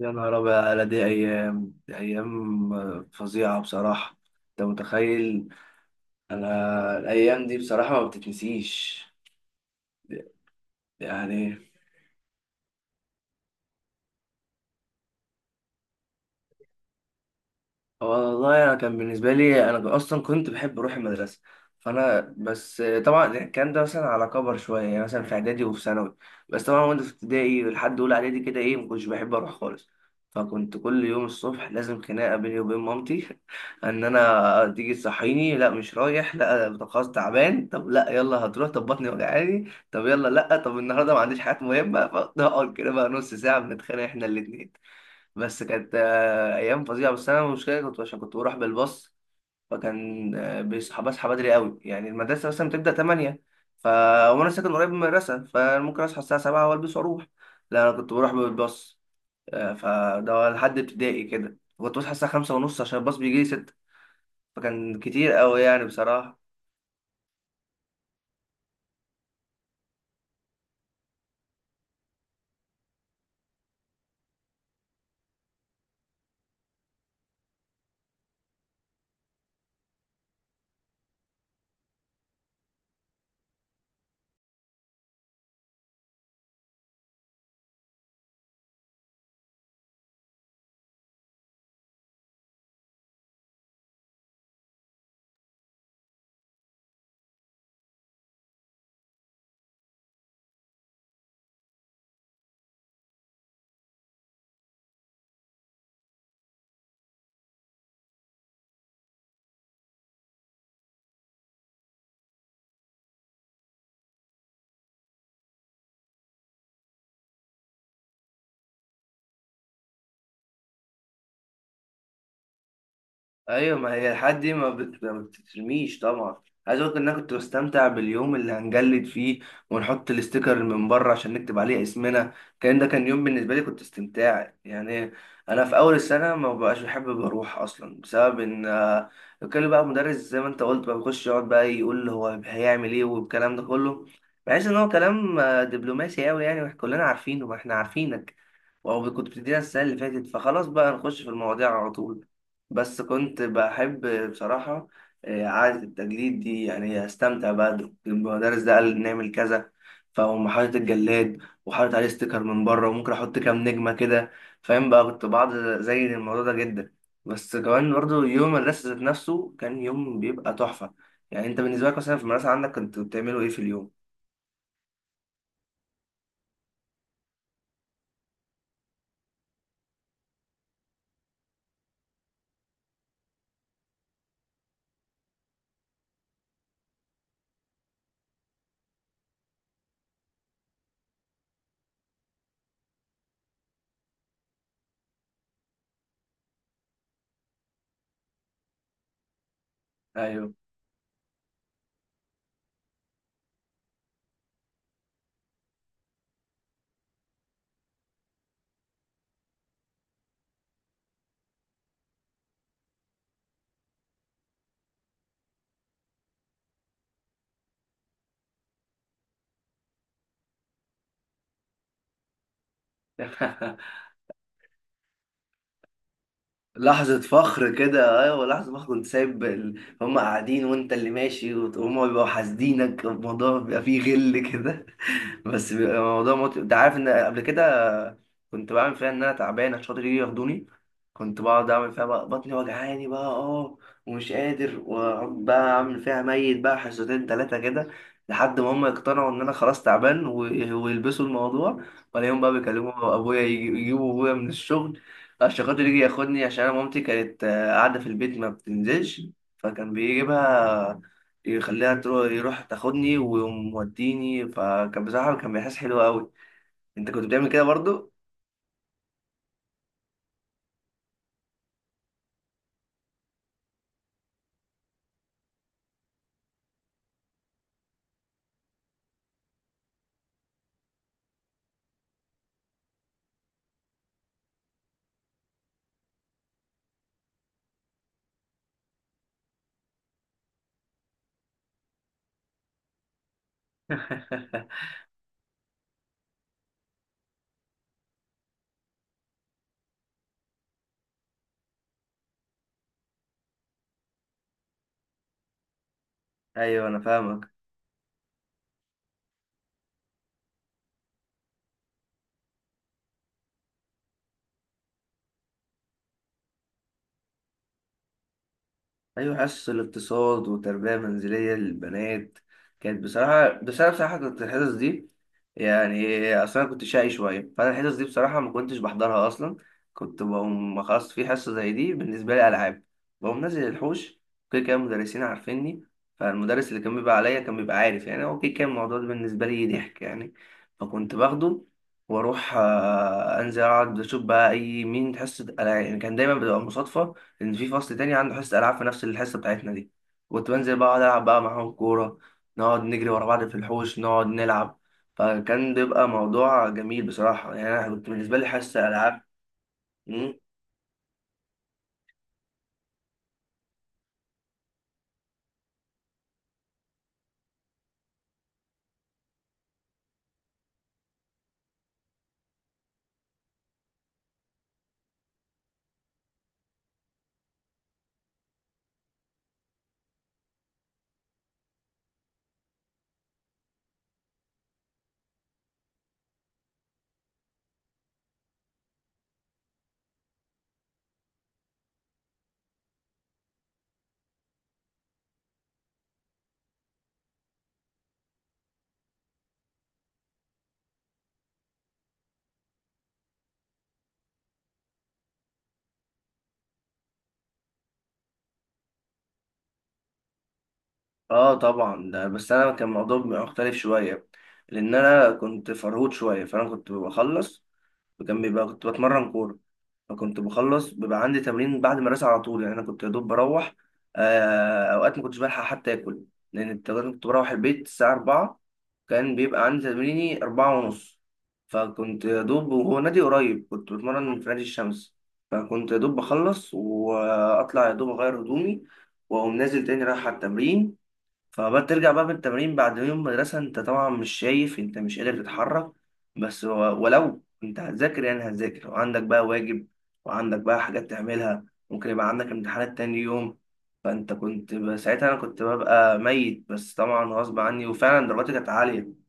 يا نهار أبيض على دي أيام فظيعة بصراحة. أنت متخيل؟ أنا الأيام دي بصراحة ما بتتنسيش. يعني والله انا كان بالنسبه لي انا اصلا كنت بحب اروح المدرسه، فانا بس طبعا الكلام ده مثلا على كبر شويه، يعني مثلا في اعدادي وفي ثانوي. بس طبعا وانا في ابتدائي لحد اولى اعدادي كده ايه، ما كنتش بحب اروح خالص، فكنت كل يوم الصبح لازم خناقه بيني وبين مامتي ان انا تيجي تصحيني لا مش رايح، لا أنا خلاص تعبان، طب لا يلا هتروح، طب بطني وجعاني، طب يلا لا، طب النهارده ما عنديش حاجات مهمه، فنقعد كده بقى نص ساعه بنتخانق احنا الاثنين. بس كانت ايام فظيعه، بس انا المشكله كنت عشان كنت بروح بالباص. فكان بصحى بدري قوي، يعني المدرسه مثلا بتبدا 8. ف وانا ساكن قريب من المدرسه فممكن اصحى الساعه 7 والبس واروح. لا انا كنت بروح بالباص. فده لحد ابتدائي كده كنت بصحى الساعه 5 ونص عشان الباص بيجي لي 6. فكان كتير قوي يعني بصراحه. ايوه، ما هي الحاجات دي ما بتترميش طبعا. عايز اقول لك ان انا كنت بستمتع باليوم اللي هنجلد فيه، ونحط الاستيكر من بره عشان نكتب عليه اسمنا. كان ده كان يوم بالنسبه لي كنت استمتاع يعني. انا في اول السنه ما بقاش بحب اروح اصلا بسبب ان كان بقى مدرس زي ما انت قلت بقى بيخش يقعد بقى يقول هو هيعمل ايه والكلام ده كله. بحس ان هو كلام دبلوماسي قوي، يعني واحنا كلنا عارفينه، ما احنا عارفينك او كنت بتدينا السنه اللي فاتت، فخلاص بقى نخش في المواضيع على طول. بس كنت بحب بصراحه عاده التجديد دي، يعني استمتع بقى المدرس ده قال نعمل كذا، فاقوم حاطط الجلاد، وحاطط عليه ستيكر من بره وممكن احط كام نجمه كده. فاهم بقى كنت بعض زي الموضوع ده جدا. بس كمان برضو يوم المدرسه ذات نفسه كان يوم بيبقى تحفه. يعني انت بالنسبه لك مثلا في المدرسه عندك كنت بتعملوا ايه في اليوم؟ ايوه. لحظة فخر كده، ايوه لحظة فخر، كنت سايب ال... هم قاعدين وانت اللي ماشي وهم بيبقوا حاسدينك، الموضوع بيبقى فيه غل كده. بس بيبقى انت عارف ان قبل كده كنت بعمل فيها ان انا تعبان عشان خاطر يجي ياخدوني. كنت بقعد اعمل فيها بقى بطني وجعاني بقى اه، ومش قادر، واقعد بقى اعمل فيها ميت بقى حصتين تلاتة كده، لحد ما هم يقتنعوا ان انا خلاص تعبان، و... ويلبسوا الموضوع. ولا يوم بقى بيكلموا ابويا يجيبوا ابويا من الشغل الشقاق اللي يجي ياخدني، عشان أنا مامتي كانت قاعدة في البيت ما بتنزلش، فكان بيجيبها يخليها تروح، يروح تاخدني وموديني. فكان بصراحة كان بيحس حلو أوي. أنت كنت بتعمل كده برضو؟ أيوه أنا فاهمك. أيوة حصص الاقتصاد وتربية منزلية للبنات كانت بصراحة، بس أنا بصراحة كنت الحصص دي يعني، أصل أنا كنت شقي شوية، فأنا الحصص دي بصراحة ما كنتش بحضرها أصلا. كنت بقوم خلاص في حصة زي دي بالنسبة لي ألعاب. بقوم نازل الحوش، كده كده المدرسين عارفيني. فالمدرس اللي كان بيبقى عليا كان بيبقى عارف، يعني هو كده كان الموضوع ده بالنسبة لي ضحك يعني. فكنت باخده وأروح أنزل أقعد أشوف بقى أي مين حصة ألعاب. يعني كان دايما بتبقى مصادفة ان في فصل تاني عنده حصه العاب في نفس الحصه بتاعتنا دي، كنت بنزل بقعد العب بقى معاهم كوره، نقعد نجري ورا بعض في الحوش، نقعد نلعب. فكان بيبقى موضوع جميل بصراحه، يعني انا كنت بالنسبه لي حصه العاب. مم. اه طبعا ده، بس انا كان الموضوع بيبقى مختلف شويه، لان انا كنت فرهود شويه، فانا كنت بخلص، جنبي بقى كنت بتمرن كورة. فكنت بخلص بيبقى عندي تمرين بعد المدرسة على طول، يعني أنا كنت يا دوب بروح. أوقات ما كنتش بلحق حتى آكل، لأن كنت بروح البيت الساعة 4، كان بيبقى عندي تمريني 4 ونص. فكنت يا دوب، وهو نادي قريب، كنت بتمرن في نادي الشمس. فكنت يا دوب بخلص وأطلع يا دوب أغير هدومي، وأقوم نازل تاني رايح على التمرين. فبقى ترجع بقى من التمرين بعد يوم مدرسة، انت طبعا مش شايف، انت مش قادر تتحرك. بس و- ولو انت هتذاكر يعني هتذاكر، وعندك بقى واجب، وعندك بقى حاجات تعملها، ممكن يبقى عندك امتحانات تاني يوم. فانت كنت ساعتها انا كنت ببقى ميت، بس طبعا غصب عني، وفعلا درجاتي كانت عالية.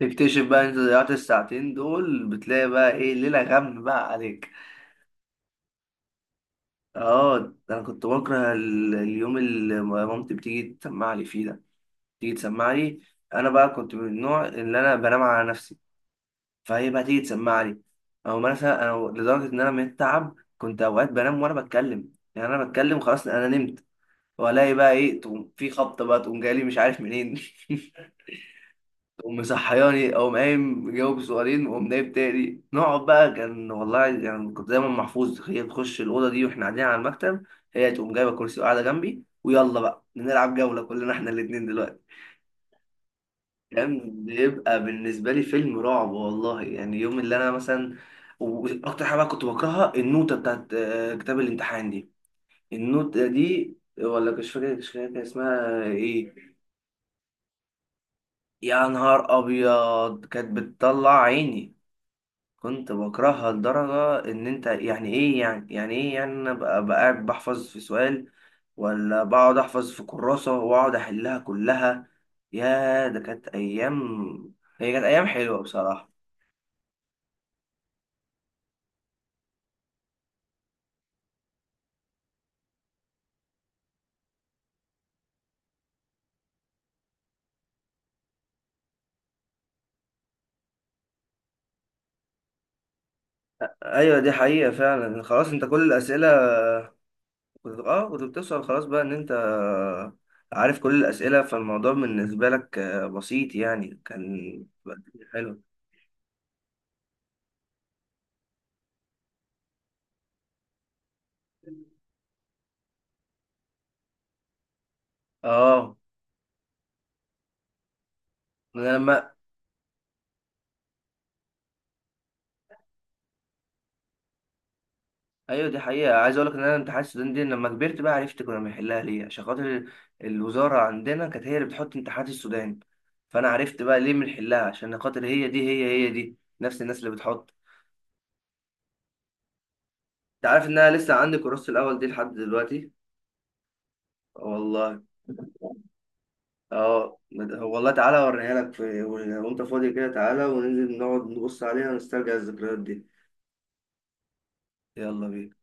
تكتشف بقى انت ضيعت الساعتين دول، بتلاقي بقى ايه ليلة غم بقى عليك. اه ده انا كنت بكره اليوم اللي مامتي بتيجي تسمع لي فيه ده، تيجي تسمع لي. انا بقى كنت من النوع اللي انا بنام على نفسي، فهي بقى تيجي تسمع لي. او مثلا انا لدرجه ان انا من التعب كنت اوقات بنام وانا بتكلم، يعني انا بتكلم خلاص انا نمت، والاقي بقى ايه، تقوم في خبطه بقى، تقوم جايلي مش عارف منين. تقوم مصحياني، اقوم قايم مجاوب سؤالين واقوم نايم تاني، نقعد بقى. كان والله يعني كنت دايما محفوظ هي تخش الاوضه دي واحنا قاعدين على المكتب، هي تقوم جايبه كرسي وقاعده جنبي، ويلا بقى نلعب جوله كلنا احنا الاتنين دلوقتي. كان بيبقى بالنسبة لي فيلم رعب والله، يعني يوم اللي أنا مثلا، وأكتر حاجة بقى كنت بكرهها النوتة بتاعت كتاب الامتحان دي. النوتة دي، ولا مش فاكر، مش فاكر كان اسمها إيه. يا نهار أبيض كانت بتطلع عيني. كنت بكرهها لدرجة إن أنت يعني إيه، يعني إيه، يعني أنا بقى قاعد بحفظ في سؤال، ولا بقعد أحفظ في كراسة وأقعد أحلها كلها. يا ده كانت أيام، هي كانت أيام حلوة بصراحة. ايوه دي حقيقة فعلا، خلاص انت كل الاسئلة. كنت اه كنت بتوصل خلاص بقى ان انت عارف كل الاسئلة، فالموضوع بالنسبة لك بسيط يعني، كان حلو. اه انا لما ايوه دي حقيقة. عايز اقول لك ان انا امتحانات السودان دي لما كبرت بقى عرفت كنا بنحلها ليه، عشان خاطر الوزارة عندنا كانت هي اللي بتحط امتحانات السودان، فانا عرفت بقى ليه بنحلها، عشان خاطر هي دي، هي دي نفس الناس اللي بتحط. انت عارف ان انا لسه عندي كورس الاول دي لحد دلوقتي. والله اه والله تعالى اوريها لك، في وانت فاضي كده تعالى وننزل نقعد نبص عليها ونسترجع الذكريات دي. يلا بينا.